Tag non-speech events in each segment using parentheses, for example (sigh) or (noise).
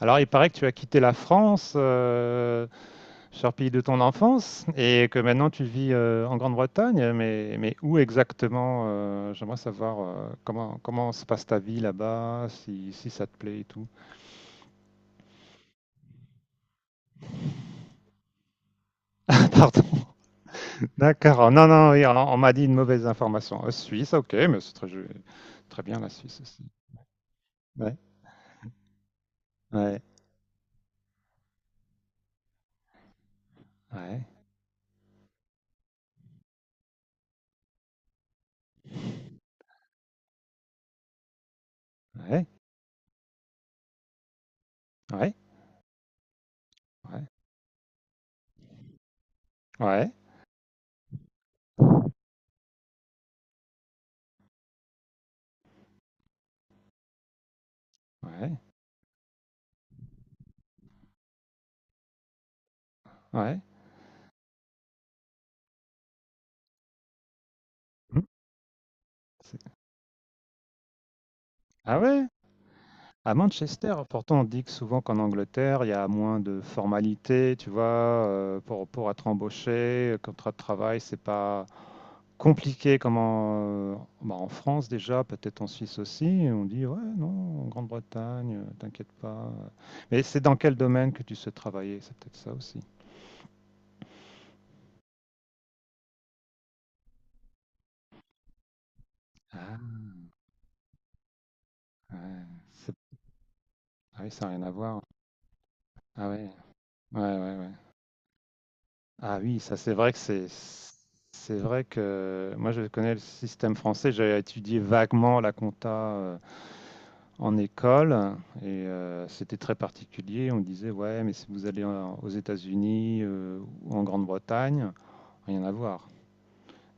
Alors, il paraît que tu as quitté la France, cher pays de ton enfance, et que maintenant tu vis en Grande-Bretagne. Mais où exactement, j'aimerais savoir comment se passe ta vie là-bas, si ça te plaît et tout. (laughs) Pardon. D'accord. Non, non, oui, on m'a dit une mauvaise information. Suisse, ok, mais c'est très joli. Très bien la Suisse aussi. Ouais, ouais, ouais, ouais, ouais, ouais, ouais, ouais, ouais. Hmm. C'est- Ah ouais? À Manchester, pourtant, on dit que souvent qu'en Angleterre, il y a moins de formalités, tu vois, pour être embauché, contrat de travail, c'est pas compliqué comme en, bah, en France déjà, peut-être en Suisse aussi. Et on dit, ouais, non, en Grande-Bretagne, t'inquiète pas. Mais c'est dans quel domaine que tu souhaites travailler? C'est peut-être ça aussi. Ah, ouais. C'est- Ah oui, ça n'a rien à voir. Ah ouais, ouais, ouais, ouais. Ah oui, ça c'est vrai que c'est vrai que moi je connais le système français. J'ai étudié vaguement la compta en école et c'était très particulier. On me disait ouais, mais si vous allez en- aux États-Unis ou en Grande-Bretagne, rien à voir.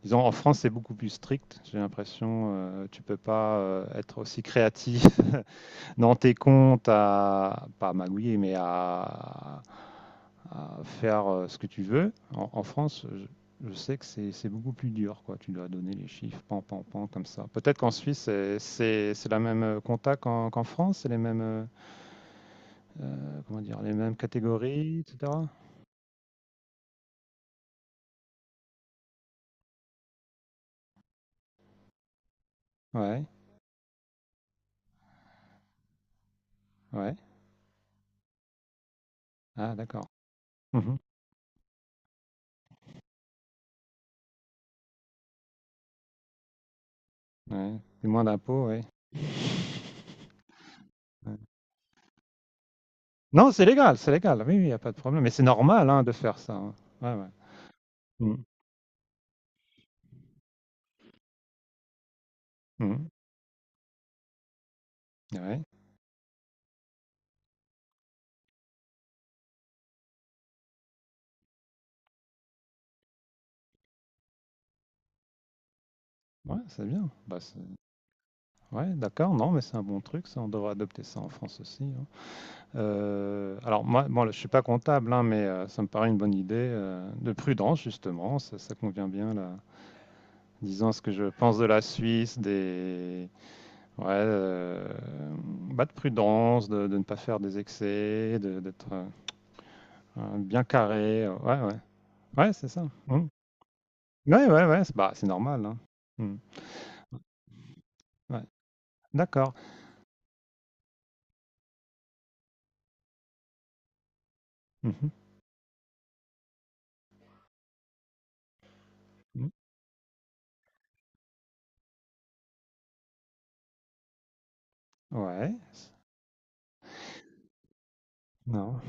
Disons en France c'est beaucoup plus strict. J'ai l'impression tu peux pas être aussi créatif (laughs) dans tes comptes, à pas à magouiller mais à faire ce que tu veux. En France, je sais que c'est beaucoup plus dur, quoi. Tu dois donner les chiffres, pan, pan, pan, comme ça. Peut-être qu'en Suisse, c'est la même compta qu'en France, c'est les mêmes, comment dire, les mêmes catégories, etc. Ouais, ouais. Ah, d'accord. Mhm. Ouais. Et moins d'impôts, ouais. Ouais. Non, c'est légal, c'est légal. Oui, il n'y a pas de problème. Mais c'est normal, hein, de faire ça, hein. Ouais, ouais. Mm. Mm. Ouais, ouais, c'est bien. Bah, c'est- Ouais, d'accord, non, mais c'est un bon truc, ça, on devrait adopter ça en France aussi, hein. Alors, moi, bon, là, je suis pas comptable, hein, mais ça me paraît une bonne idée de prudence, justement, ça convient bien, là. Disons ce que je pense de la Suisse, des... Ouais, bah, de prudence, de ne pas faire des excès, d'être bien carré. Ouais, ouais, ouais, c'est ça. Mm. Ouais, ouais, ouais, c'est bah, c'est normal, hein. Mm. Ouais, d'accord. Mhm. Mm. Ouais, c'est- non.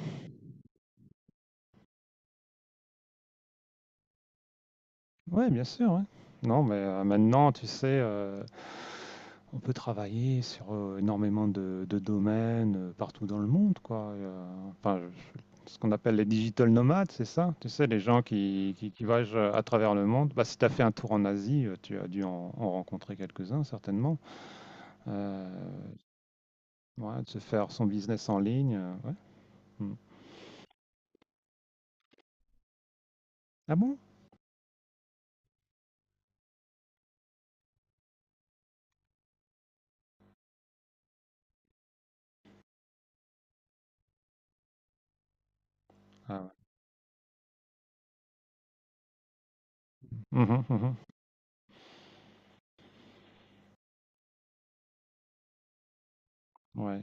Ouais, bien sûr, ouais. Non, mais maintenant, tu sais, on peut travailler sur, énormément de domaines, partout dans le monde, quoi, et enfin, je ce qu'on appelle les digital nomades, c'est ça? Tu sais, les gens qui voyagent, à travers le monde. Bah, si tu as fait un tour en Asie, tu as dû en rencontrer quelques-uns certainement. Heu, ouais, de se faire son business en ligne, ouais. Mmh. Ah bon? Ah ouais. Mmh mh, mmh. Ouais.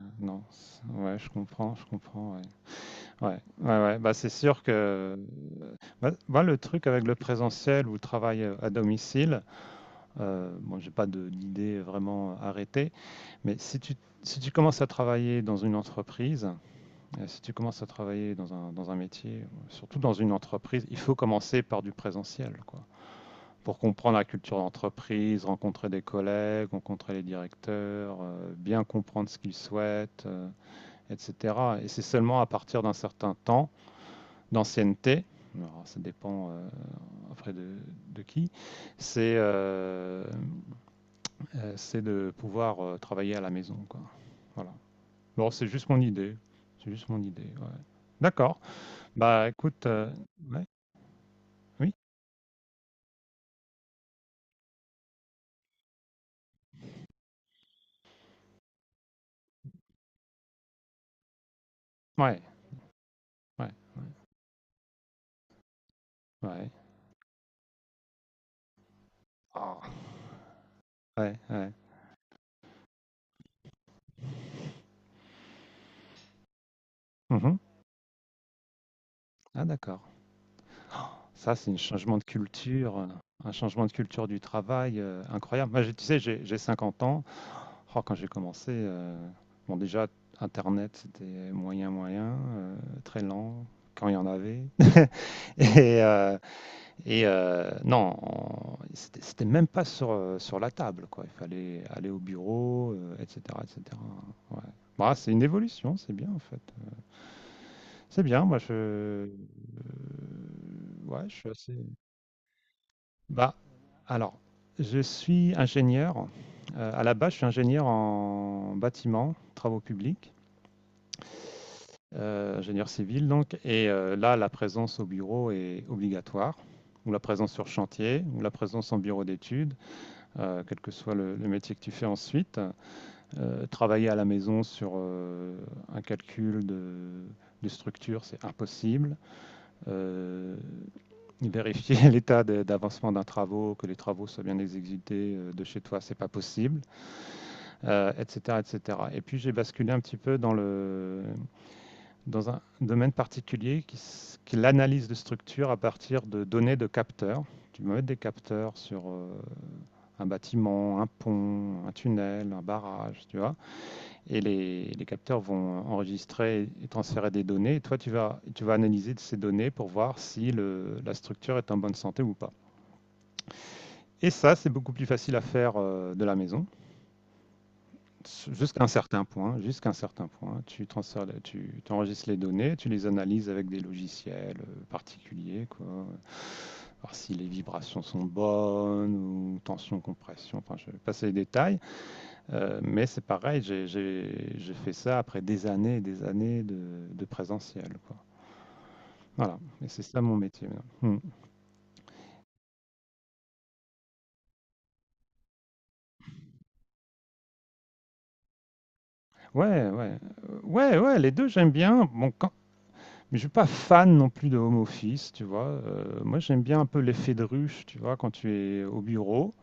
Non, c ouais, je comprends, ouais. Ouais, ouais, ouais. Bah, c'est sûr que bah, le truc avec le présentiel ou le travail à domicile, bon, j'ai pas d'idée vraiment arrêtée, mais si tu commences à travailler dans une entreprise, si tu commences à travailler dans un métier, ou surtout dans une entreprise, il faut commencer par du présentiel, quoi, pour comprendre la culture d'entreprise, rencontrer des collègues, rencontrer les directeurs, bien comprendre ce qu'ils souhaitent, etc. Et c'est seulement à partir d'un certain temps d'ancienneté, alors, ça dépend après de qui, c'est de pouvoir travailler à la maison, quoi. Voilà. Bon, c'est juste mon idée. C'est juste mon idée, ouais. D'accord. Bah, écoute, ouais, oui, ouais, ouais, ouais, ouais. Ah, ouais, ouais. Mhm. Ah, d'accord. Ça, c'est un changement de culture, un changement de culture du travail, incroyable. Moi, j'ai tu sais, j'ai 50 ans. Oh, quand j'ai commencé, bon, déjà, internet, c'était moyen, moyen, très lent, quand il y en avait, (laughs) et heu et non, on c'était même pas sur, sur la table, quoi. Il fallait aller au bureau, et cetera et cetera. Ouais. Bah, c'est une évolution, c'est bien, en fait. C'est bien, moi, ouais, je suis assez bah, alors, je suis ingénieur. À la base, je suis ingénieur en bâtiment, travaux publics, ingénieur civil donc. Et là, la présence au bureau est obligatoire, ou la présence sur chantier, ou la présence en bureau d'études, quel que soit le métier que tu fais ensuite. Travailler à la maison sur un calcul de structure, c'est impossible. Euh, Vérifier (laughs) l'état d'avancement d'un travaux, que les travaux soient bien exécutés de chez toi, c'est pas possible, etc., etc. Et cetera. Et puis j'ai basculé un petit peu dans un domaine particulier qui, qui est l'analyse de structure à partir de données de capteurs. Tu peux mettre des capteurs sur un bâtiment, un pont, un tunnel, un barrage, tu vois. Et les capteurs vont enregistrer et transférer des données. Et toi, tu vas analyser de ces données pour voir si la structure est en bonne santé ou pas. Et ça, c'est beaucoup plus facile à faire de la maison, jusqu'à un certain point. Jusqu'à un certain point, tu transfères, tu enregistres les données, tu les analyses avec des logiciels particuliers, quoi. Voir si les vibrations sont bonnes ou tension, compression. Enfin, je vais passer les détails. Mais c'est pareil. J'ai fait ça après des années et des années de présentiel, quoi. Voilà, et c'est ça mon métier maintenant. Hmm. Ouais, ouais. Ouais, ouais, les deux j'aime bien. Bon, quand, mais je suis pas fan non plus de home office, tu vois. Moi, j'aime bien un peu l'effet de ruche, tu vois, quand tu es au bureau.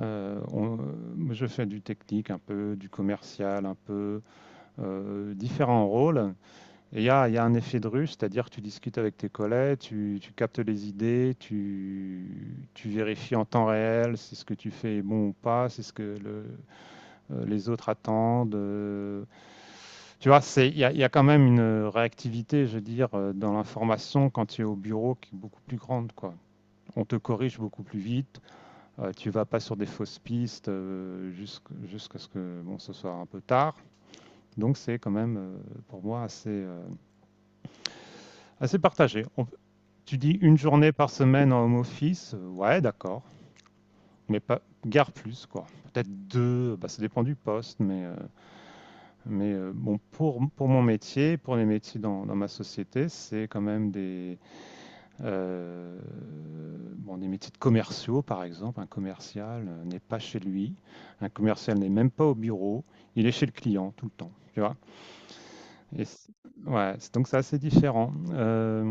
Euh, on- Moi, je fais du technique un peu, du commercial un peu, différents rôles. Et il y a un effet de ruche, c'est-à-dire que tu discutes avec tes collègues, tu captes les idées, tu vérifies en temps réel si ce que tu fais est bon ou pas, si ce que les autres attendent. Tu vois, il y a quand même une réactivité, je veux dire, dans l'information quand tu es au bureau qui est beaucoup plus grande, quoi. On te corrige beaucoup plus vite, tu ne vas pas sur des fausses pistes jusqu'à jusqu ce que bon, ce soit un peu tard. Donc c'est quand même pour moi assez partagé. On, tu dis une journée par semaine en home office, ouais d'accord, mais pas, guère plus quoi. Peut-être deux, bah, ça dépend du poste, mais bon, pour mon métier, pour les métiers dans ma société, c'est quand même des, euh, bon, des métiers de commerciaux, par exemple. Un commercial n'est pas chez lui, un commercial n'est même pas au bureau, il est chez le client tout le temps, tu vois. Et ouais, donc c'est assez différent.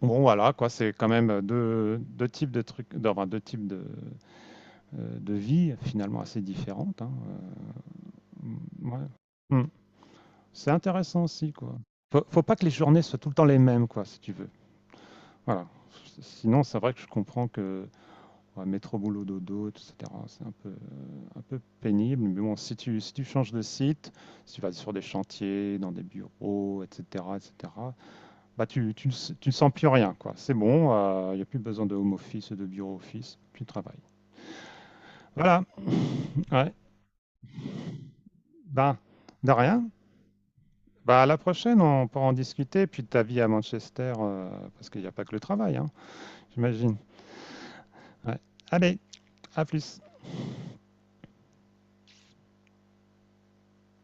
Bon, voilà, quoi, c'est quand même deux types de trucs, enfin, deux types de vie finalement assez différentes, hein. Ouais. Hmm. C'est intéressant aussi, quoi. Faut pas que les journées soient tout le temps les mêmes, quoi, si tu veux. Voilà. Sinon, c'est vrai que je comprends que ouais, métro, boulot, dodo, etc., c'est un peu pénible. Mais bon, si tu changes de site, si tu vas sur des chantiers, dans des bureaux, etc., etc., bah ne s- tu ne sens plus rien, quoi. C'est bon, il n'y a plus besoin de home office, de bureau office, tu travailles. Voilà. Ouais. Ben, de rien. Bah, à la prochaine, on pourra en discuter. Puis de ta vie à Manchester, parce qu'il n'y a pas que le travail, hein. J'imagine. Ouais. Allez, à plus.